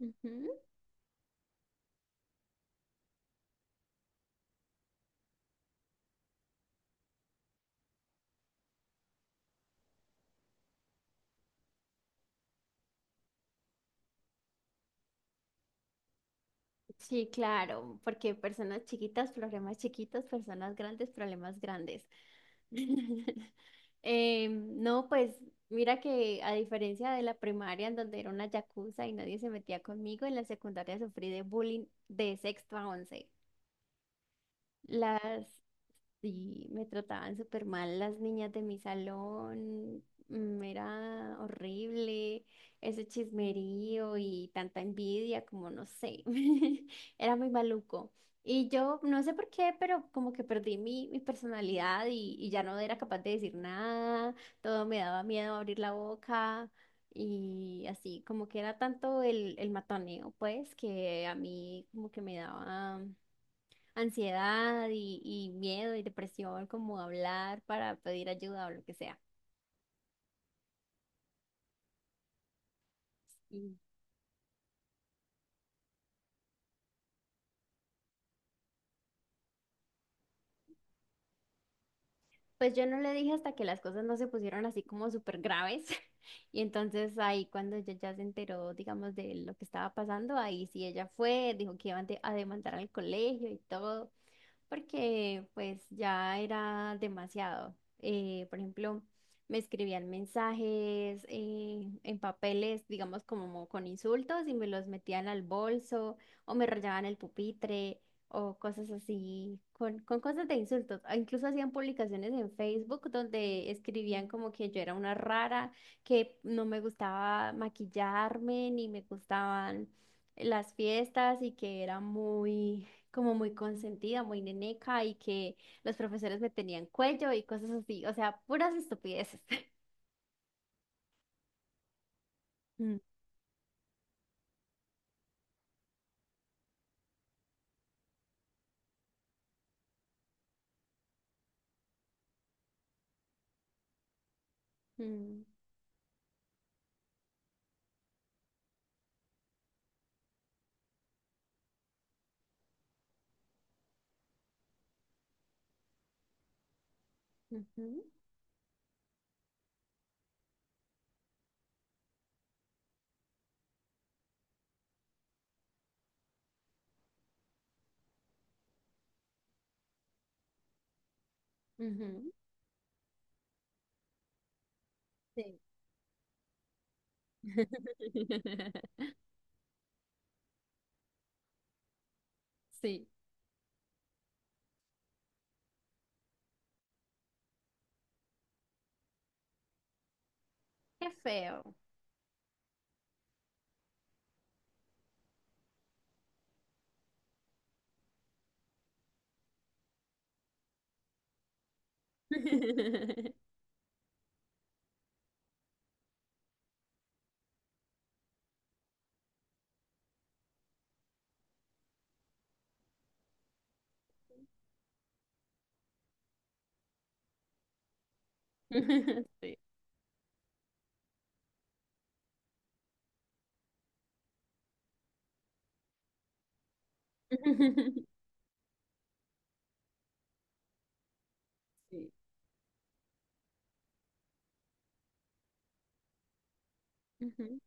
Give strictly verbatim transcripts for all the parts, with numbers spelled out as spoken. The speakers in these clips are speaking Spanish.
Ujú. Sí, claro, porque personas chiquitas, problemas chiquitos, personas grandes, problemas grandes. Eh, no, pues mira que a diferencia de la primaria en donde era una yakuza y nadie se metía conmigo, en la secundaria sufrí de bullying de sexto a once. Las Sí, me trataban súper mal las niñas de mi salón, mm, era horrible ese chismerío y tanta envidia, como no sé, era muy maluco. Y yo no sé por qué, pero como que perdí mi, mi personalidad y, y ya no era capaz de decir nada, todo me daba miedo abrir la boca y así, como que era tanto el, el matoneo, pues, que a mí como que me daba ansiedad y, y miedo y depresión, como hablar para pedir ayuda o lo que sea. Y pues yo no le dije hasta que las cosas no se pusieron así como súper graves. Y entonces ahí cuando ella ya se enteró, digamos, de lo que estaba pasando, ahí sí ella fue, dijo que iba a de- a demandar al colegio y todo, porque pues ya era demasiado. Eh, por ejemplo, me escribían mensajes eh, en papeles, digamos como con insultos y me los metían al bolso o me rayaban el pupitre o cosas así, con, con cosas de insultos. Ah, Incluso hacían publicaciones en Facebook donde escribían como que yo era una rara, que no me gustaba maquillarme ni me gustaban las fiestas y que era muy como muy consentida, muy neneca y que los profesores me tenían cuello y cosas así, o sea, puras estupideces. Mm, mm, ujú, ujú, sí. Sí. Qué feo. Sí. Sí. Ujú.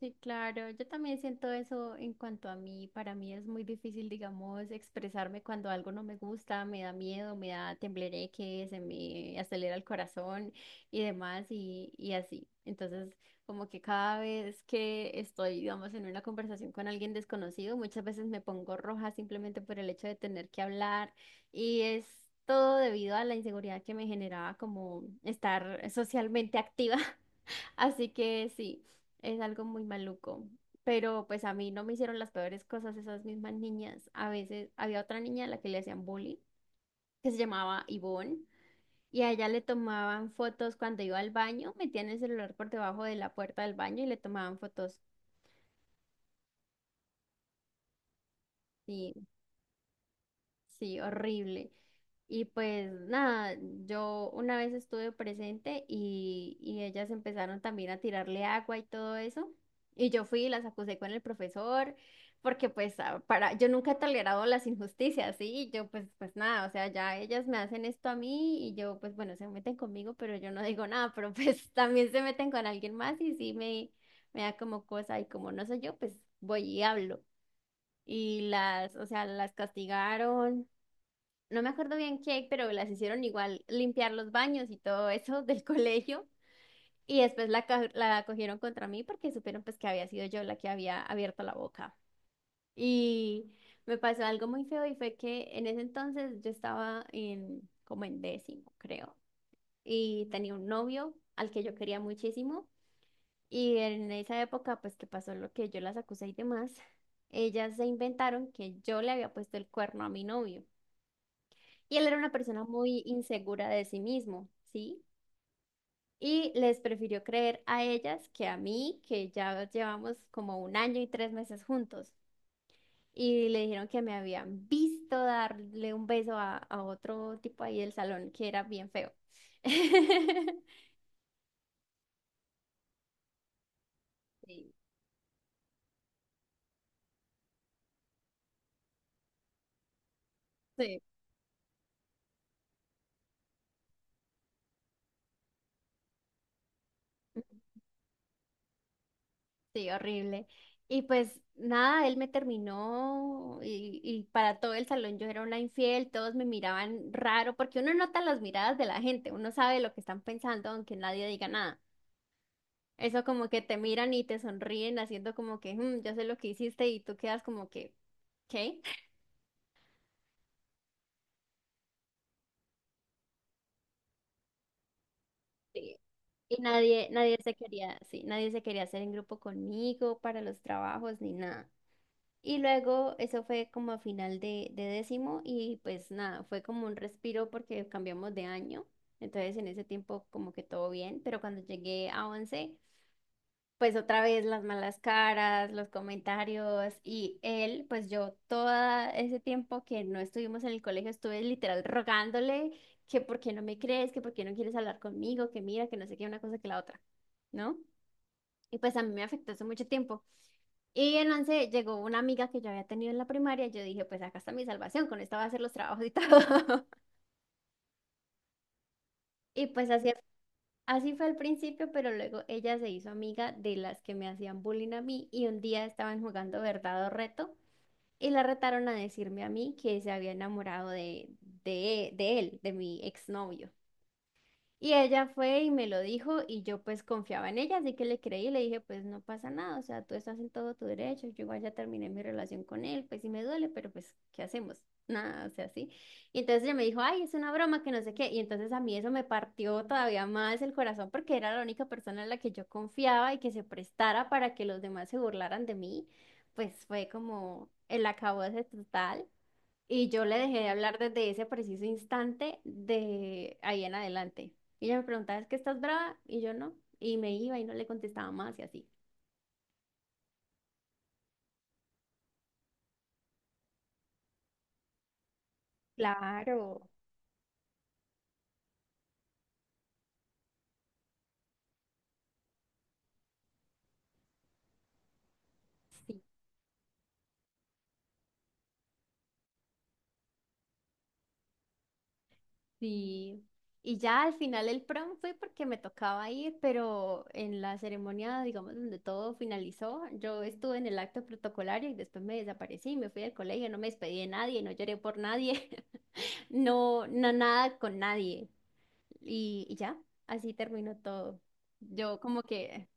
Sí, claro, yo también siento eso en cuanto a mí. Para mí es muy difícil, digamos, expresarme cuando algo no me gusta, me da miedo, me da temblereque, se me acelera el corazón y demás y, y así. Entonces, como que cada vez que estoy, digamos, en una conversación con alguien desconocido, muchas veces me pongo roja simplemente por el hecho de tener que hablar y es todo debido a la inseguridad que me generaba como estar socialmente activa. Así que sí, es algo muy maluco. Pero pues a mí no me hicieron las peores cosas esas mismas niñas. A veces había otra niña a la que le hacían bullying, que se llamaba Ivonne, y a ella le tomaban fotos cuando iba al baño, metían el celular por debajo de la puerta del baño y le tomaban fotos. Sí, horrible. Y pues nada, yo una vez estuve presente y, y ellas empezaron también a tirarle agua y todo eso. Y yo fui y las acusé con el profesor, porque pues ah, para, yo nunca he tolerado las injusticias, ¿sí? Y yo pues, pues nada, o sea, ya ellas me hacen esto a mí y yo pues bueno, se meten conmigo, pero yo no digo nada, pero pues también se meten con alguien más y sí me, me da como cosa y como no soy yo, pues voy y hablo. Y las, o sea, las castigaron, no me acuerdo bien qué, pero las hicieron igual limpiar los baños y todo eso del colegio. Y después la, ca- la cogieron contra mí porque supieron pues que había sido yo la que había abierto la boca. Y me pasó algo muy feo y fue que en ese entonces yo estaba en como en décimo, creo. Y tenía un novio al que yo quería muchísimo. Y en esa época pues que pasó lo que yo las acusé y demás, ellas se inventaron que yo le había puesto el cuerno a mi novio. Y él era una persona muy insegura de sí mismo, ¿sí? Y les prefirió creer a ellas que a mí, que ya llevamos como un año y tres meses juntos. Y le dijeron que me habían visto darle un beso a, a otro tipo ahí del salón que era bien feo. Sí. Sí. Sí, horrible. Y pues nada, él me terminó y, y para todo el salón yo era una infiel, todos me miraban raro, porque uno nota las miradas de la gente, uno sabe lo que están pensando aunque nadie diga nada. Eso como que te miran y te sonríen haciendo como que, "Mm, yo sé lo que hiciste" y tú quedas como que, ¿qué? Sí. Y nadie, nadie se quería, sí, nadie se quería hacer en grupo conmigo para los trabajos ni nada. Y luego eso fue como a final de, de décimo y pues nada, fue como un respiro porque cambiamos de año. Entonces en ese tiempo como que todo bien, pero cuando llegué a once, pues otra vez las malas caras, los comentarios y él, pues yo todo ese tiempo que no estuvimos en el colegio estuve literal rogándole que por qué no me crees, que por qué no quieres hablar conmigo, que mira, que no sé qué, una cosa que la otra, ¿no? Y pues a mí me afectó hace mucho tiempo. Y en once llegó una amiga que yo había tenido en la primaria y yo dije, pues acá está mi salvación, con esta va a hacer los trabajos y todo. Y pues así, así fue al principio, pero luego ella se hizo amiga de las que me hacían bullying a mí y un día estaban jugando verdad o reto y la retaron a decirme a mí que se había enamorado de, de, de él, de mi exnovio. Y ella fue y me lo dijo y yo pues confiaba en ella, así que le creí y le dije, pues no pasa nada, o sea, tú estás en todo tu derecho, yo igual ya terminé mi relación con él, pues sí me duele, pero pues, ¿qué hacemos? Nada, o sea, sí. Y entonces ella me dijo, ay, es una broma, que no sé qué. Y entonces a mí eso me partió todavía más el corazón porque era la única persona en la que yo confiaba y que se prestara para que los demás se burlaran de mí, pues fue como el acabose total. Y yo le dejé de hablar desde ese preciso instante de ahí en adelante. Y ella me preguntaba, ¿es que estás brava? Y yo no. Y me iba y no le contestaba más y así. Claro. Sí. Sí. Y ya al final el prom fue porque me tocaba ir, pero en la ceremonia, digamos, donde todo finalizó, yo estuve en el acto protocolario y después me desaparecí, me fui del colegio, no me despedí de nadie, no lloré por nadie, no, no nada con nadie. Y, y ya, así terminó todo. Yo como que,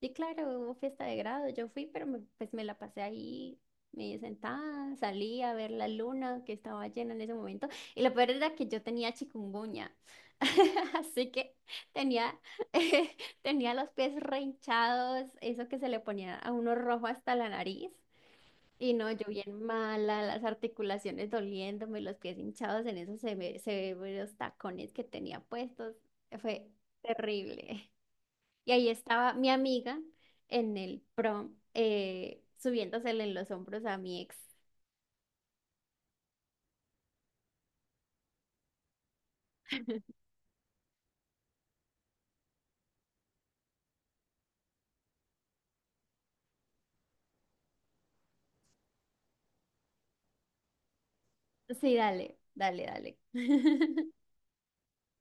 sí, claro, hubo fiesta de grado, yo fui, pero me- pues me la pasé ahí, me sentada, salí a ver la luna que estaba llena en ese momento. Y lo peor era que yo tenía chikungunya, así que tenía, tenía los pies re hinchados, eso que se le ponía a uno rojo hasta la nariz. Y no, yo bien mala, las articulaciones doliéndome, los pies hinchados en esos ve se ve los tacones que tenía puestos. Fue terrible. Y ahí estaba mi amiga en el prom, eh, subiéndosele en los hombros a mi ex. Sí, dale, dale, dale.